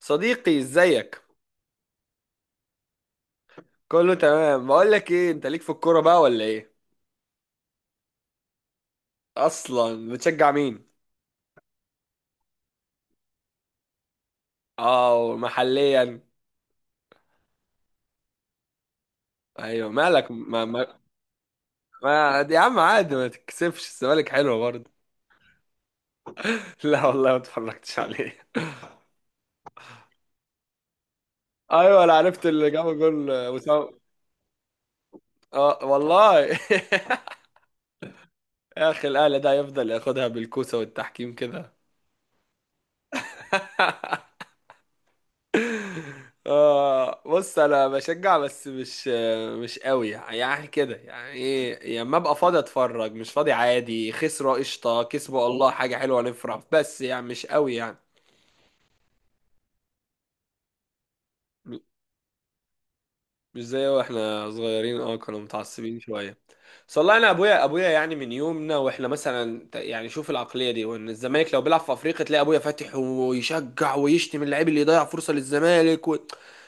صديقي ازيك؟ كله تمام. بقول لك ايه، انت ليك في الكوره بقى ولا ايه؟ اصلا بتشجع مين؟ اه محليا. ايوه مالك؟ ما يا عم عادي، ما تتكسفش، الزمالك حلوه برضه. لا والله ما اتفرجتش عليه. ايوه انا عرفت اللي جاب جول، وسام. اه والله. يا اخي الاهلي ده يفضل ياخدها بالكوسه والتحكيم كده. آه بص انا بشجع، بس مش مش قوي يعني، كده يعني، ايه، يا اما ابقى فاضي اتفرج، مش فاضي عادي، خسروا قشطه، كسبوا الله حاجه حلوه نفرح، بس يعني مش قوي يعني. م- مش زي واحنا صغيرين، اه كنا متعصبين شويه. بس والله انا ابويا يعني من يومنا واحنا مثلا يعني شوف العقليه دي، وان الزمالك لو بيلعب في افريقيا تلاقي ابويا فاتح ويشجع ويشتم اللعيب اللي يضيع فرصه للزمالك و...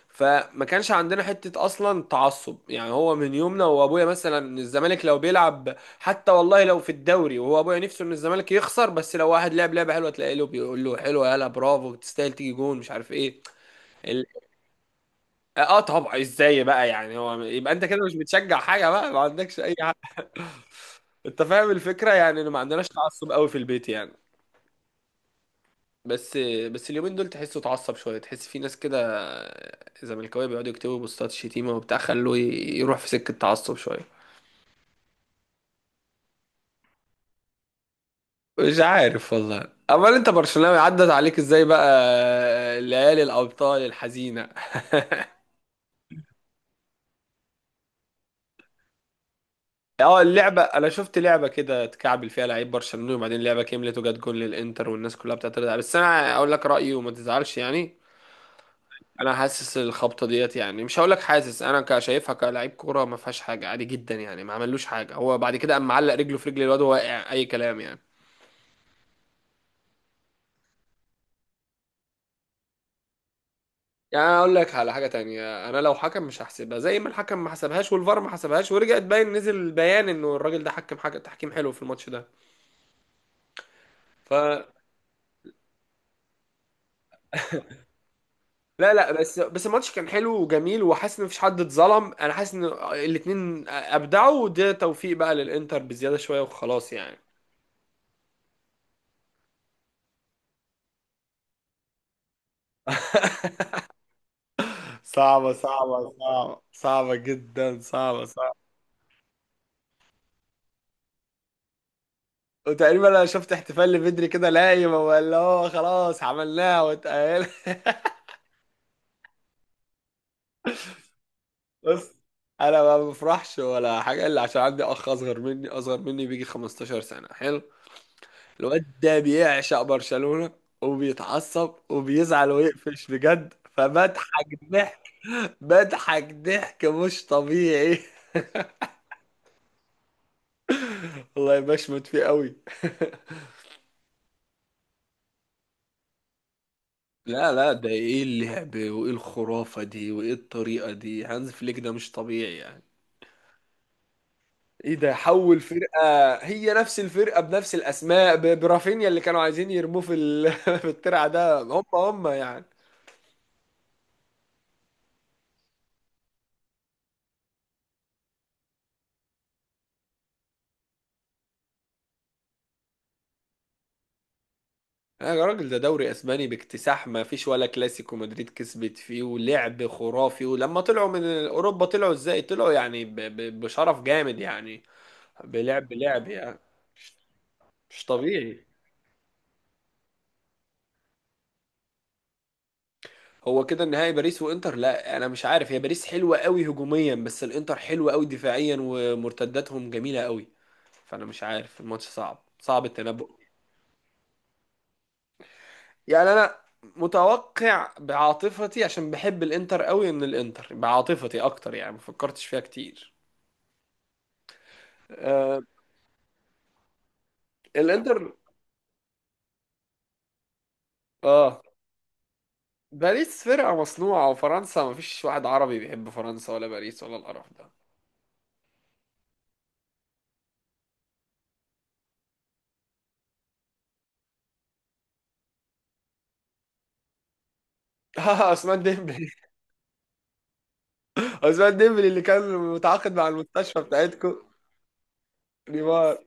فما كانش عندنا حته اصلا تعصب يعني. هو من يومنا وابويا مثلا الزمالك لو بيلعب حتى والله لو في الدوري، وهو ابويا نفسه ان الزمالك يخسر، بس لو واحد لعب لعبه حلوه تلاقي له بيقول له حلوه يلا برافو تستاهل، تيجي جون، مش عارف ايه. ال... اه طبعا، ازاي بقى يعني، هو يبقى انت كده مش بتشجع حاجه بقى، ما عندكش اي. انت فاهم الفكره يعني، إن ما عندناش تعصب قوي في البيت يعني. بس بس اليومين دول تحسه اتعصب شويه، تحس في ناس كده زملكاويه بيقعدوا يكتبوا بوستات شتيمه وبتاع، خلوه يروح في سكه تعصب شويه. مش عارف والله. امال انت برشلوناوي عدت عليك ازاي بقى ليالي الابطال الحزينه؟ اه اللعبه، انا شفت لعبه كده اتكعبل فيها لعيب برشلونه، وبعدين اللعبه كملت وجت جون للانتر والناس كلها بتعترض عليها، بس انا اقول لك رايي وما تزعلش يعني. انا حاسس الخبطه ديت يعني، مش هقول لك حاسس، انا كشايفها كلاعب كوره، ما فيهاش حاجه، عادي جدا يعني، ما عملوش حاجه. هو بعد كده قام معلق رجله في رجل الواد وهو واقع، اي كلام يعني. يعني انا اقول لك على حاجه تانية، انا لو حكم مش هحسبها، زي ما الحكم ما حسبهاش والفار ما حسبهاش، ورجعت باين نزل بيان انه الراجل ده حكم حاجه تحكيم حلو في الماتش ده. ف لا لا، بس الماتش كان حلو وجميل، وحاسس ان مفيش حد اتظلم، انا حاسس ان الاتنين ابدعوا، وده توفيق بقى للانتر بزياده شويه وخلاص يعني. صعبة جدا، صعبة. وتقريبا انا شفت احتفال لبدري كده، لايم هو اللي هو خلاص عملناها واتقال. بص انا ما بفرحش ولا حاجة الا عشان عندي اخ اصغر مني، اصغر مني بيجي 15 سنة، حلو الواد ده بيعشق برشلونة وبيتعصب وبيزعل ويقفش بجد، فبضحك ضحك، بضحك ضحك مش طبيعي. والله بشمت فيه قوي. لا لا، ده ايه اللعب، وايه الخرافة دي، وايه الطريقة دي، هانز فليك ده مش طبيعي يعني. ايه ده، حول فرقة، هي نفس الفرقة بنفس الاسماء، برافينيا اللي كانوا عايزين يرموه في في الترعة، ده هم هم يعني. يا راجل ده دوري اسباني باكتساح، ما فيش ولا كلاسيكو مدريد كسبت فيه، ولعب خرافي، ولما طلعوا من اوروبا طلعوا ازاي، طلعوا يعني بشرف جامد يعني، بلعب يعني. مش مش طبيعي. هو كده النهائي باريس وانتر. لا انا مش عارف، هي باريس حلوه قوي هجوميا، بس الانتر حلوه قوي دفاعيا ومرتداتهم جميله قوي، فانا مش عارف، الماتش صعب، صعب التنبؤ. يعني انا متوقع بعاطفتي، عشان بحب الانتر قوي، ان الانتر بعاطفتي اكتر يعني، ما فكرتش فيها كتير. آه الانتر. اه باريس فرقه مصنوعه، وفرنسا ما فيش واحد عربي بيحب فرنسا ولا باريس ولا القرف ده. عثمان ديمبلي، عثمان ديمبلي اللي كان متعاقد مع المستشفى بتاعتكم. نيمار،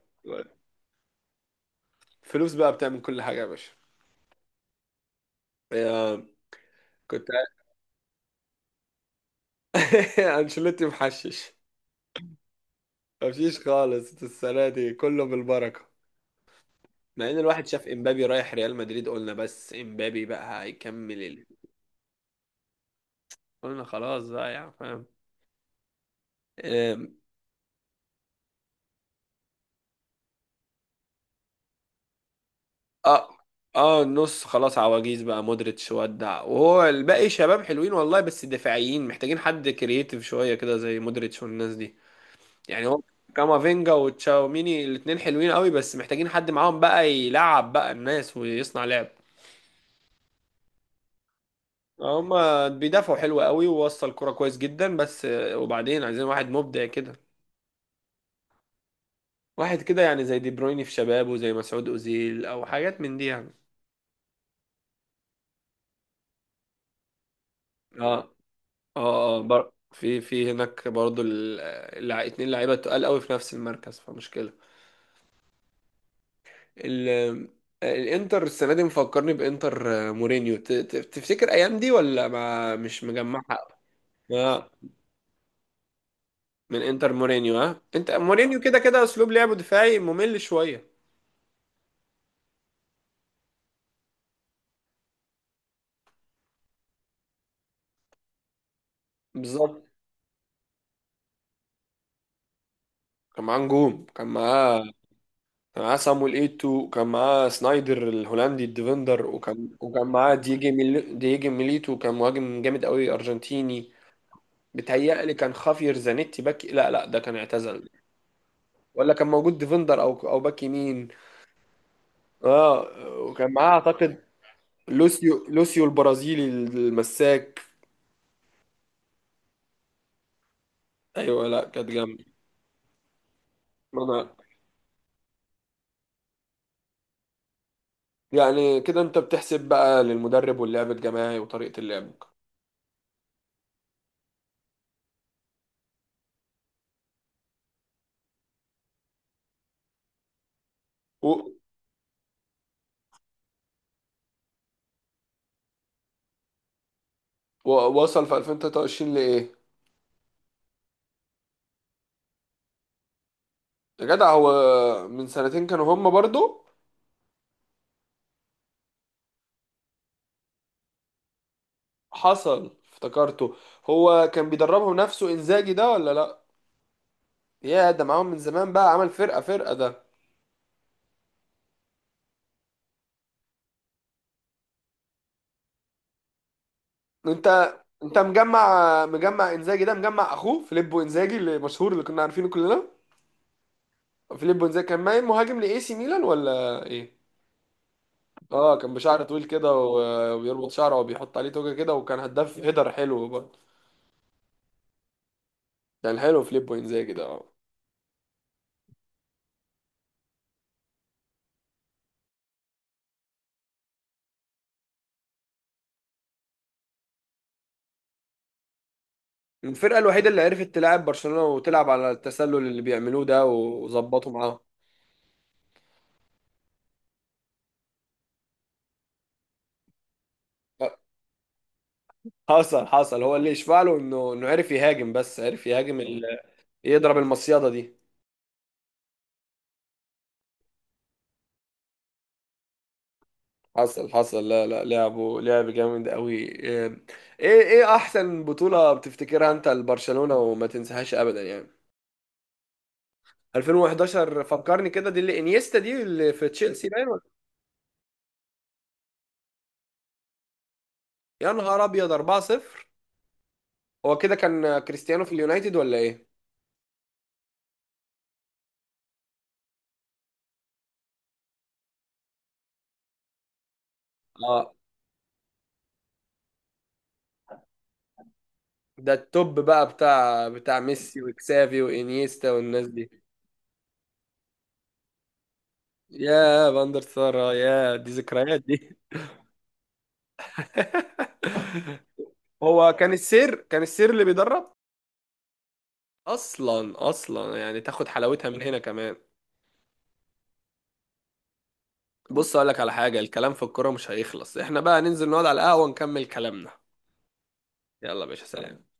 فلوس بقى، بتعمل كل حاجة يا باشا. يا كنت. انشيلوتي محشش، مفيش خالص السنة دي، كله بالبركة. مع ان الواحد شاف امبابي رايح ريال مدريد، قلنا بس امبابي بقى هيكمل ال... قلنا خلاص بقى يعني، فاهم. أم، اه. اه النص خلاص عواجيز بقى، مودريتش ودع، وهو الباقي شباب حلوين والله، بس دفاعيين محتاجين حد كرييتيف شوية كده زي مودريتش والناس دي، يعني هو كامافينجا وتشاوميني الاتنين حلوين قوي، بس محتاجين حد معاهم بقى يلعب بقى الناس ويصنع لعب. هما بيدافعوا حلو قوي ووصل كرة كويس جدا، بس وبعدين عايزين واحد مبدع كده، واحد كده يعني زي دي برويني في شبابه، زي مسعود أوزيل او حاجات من دي يعني. اه اه، اه في هناك برضو ال... اتنين لعيبة تقال قوي في نفس المركز، فمشكلة. ال... الانتر السنة دي مفكرني بانتر مورينيو، تفتكر ايام دي ولا ما مش مجمعها؟ لا من انتر مورينيو، ها انت مورينيو كده كده اسلوب لعبه دفاعي ممل شويه. بالظبط. كان معاه نجوم، كان معاه صامويل ايتو، كان معاه سنايدر الهولندي الديفندر، وكان معاه دييجي ميليتو كان مهاجم جامد قوي ارجنتيني. بيتهيألي كان خافير زانيتي باك، لا لا ده كان اعتزل، ولا كان موجود ديفندر او باك يمين. اه وكان معاه اعتقد لوسيو البرازيلي المساك. ايوه لا كانت جامده. يعني كده انت بتحسب بقى للمدرب واللعب الجماعي وطريقة اللعب. و... ووصل في 2023 لإيه؟ يا جدع هو من سنتين كانوا هم برضو. حصل افتكرته. هو كان بيدربهم نفسه انزاجي ده ولا لا؟ يا ده معاهم من زمان بقى، عمل فرقة، فرقة ده. انت انت مجمع انزاجي ده؟ مجمع اخوه فيليبو انزاجي اللي مشهور اللي كنا عارفينه كلنا، فيليبو انزاجي كان مهاجم لاي سي ميلان ولا ايه؟ اه كان بشعر طويل كده وبيربط شعره وبيحط عليه توجه كده، وكان هداف هيدر حلو برضه. كان حلو في ليبو انزاجي ده اه. الفرقة الوحيدة اللي عرفت تلعب برشلونة وتلعب على التسلل اللي بيعملوه ده، وظبطوا معاهم. حصل حصل، هو اللي يشفع له انه انه عرف يهاجم، بس عرف يهاجم ال... يضرب المصيدة دي. حصل حصل، لا لا لعبه، لعب جامد قوي. ايه ايه احسن بطولة بتفتكرها انت لبرشلونة وما تنساهاش ابدا يعني؟ 2011. فكرني كده، دي اللي انيستا، دي اللي في تشيلسي باين. يا نهار ابيض، 4-0. هو كده كان كريستيانو في اليونايتد ولا ايه؟ اه ده التوب بقى بتاع ميسي وكسافي وانيستا والناس دي. يا فاندر سارة، يا دي ذكريات دي. هو كان السير، كان السير اللي بيدرب اصلا، اصلا يعني تاخد حلاوتها من هنا كمان. بص اقول لك على حاجة، الكلام في الكورة مش هيخلص، احنا بقى ننزل نقعد على القهوة ونكمل كلامنا. يلا يا باشا، سلام.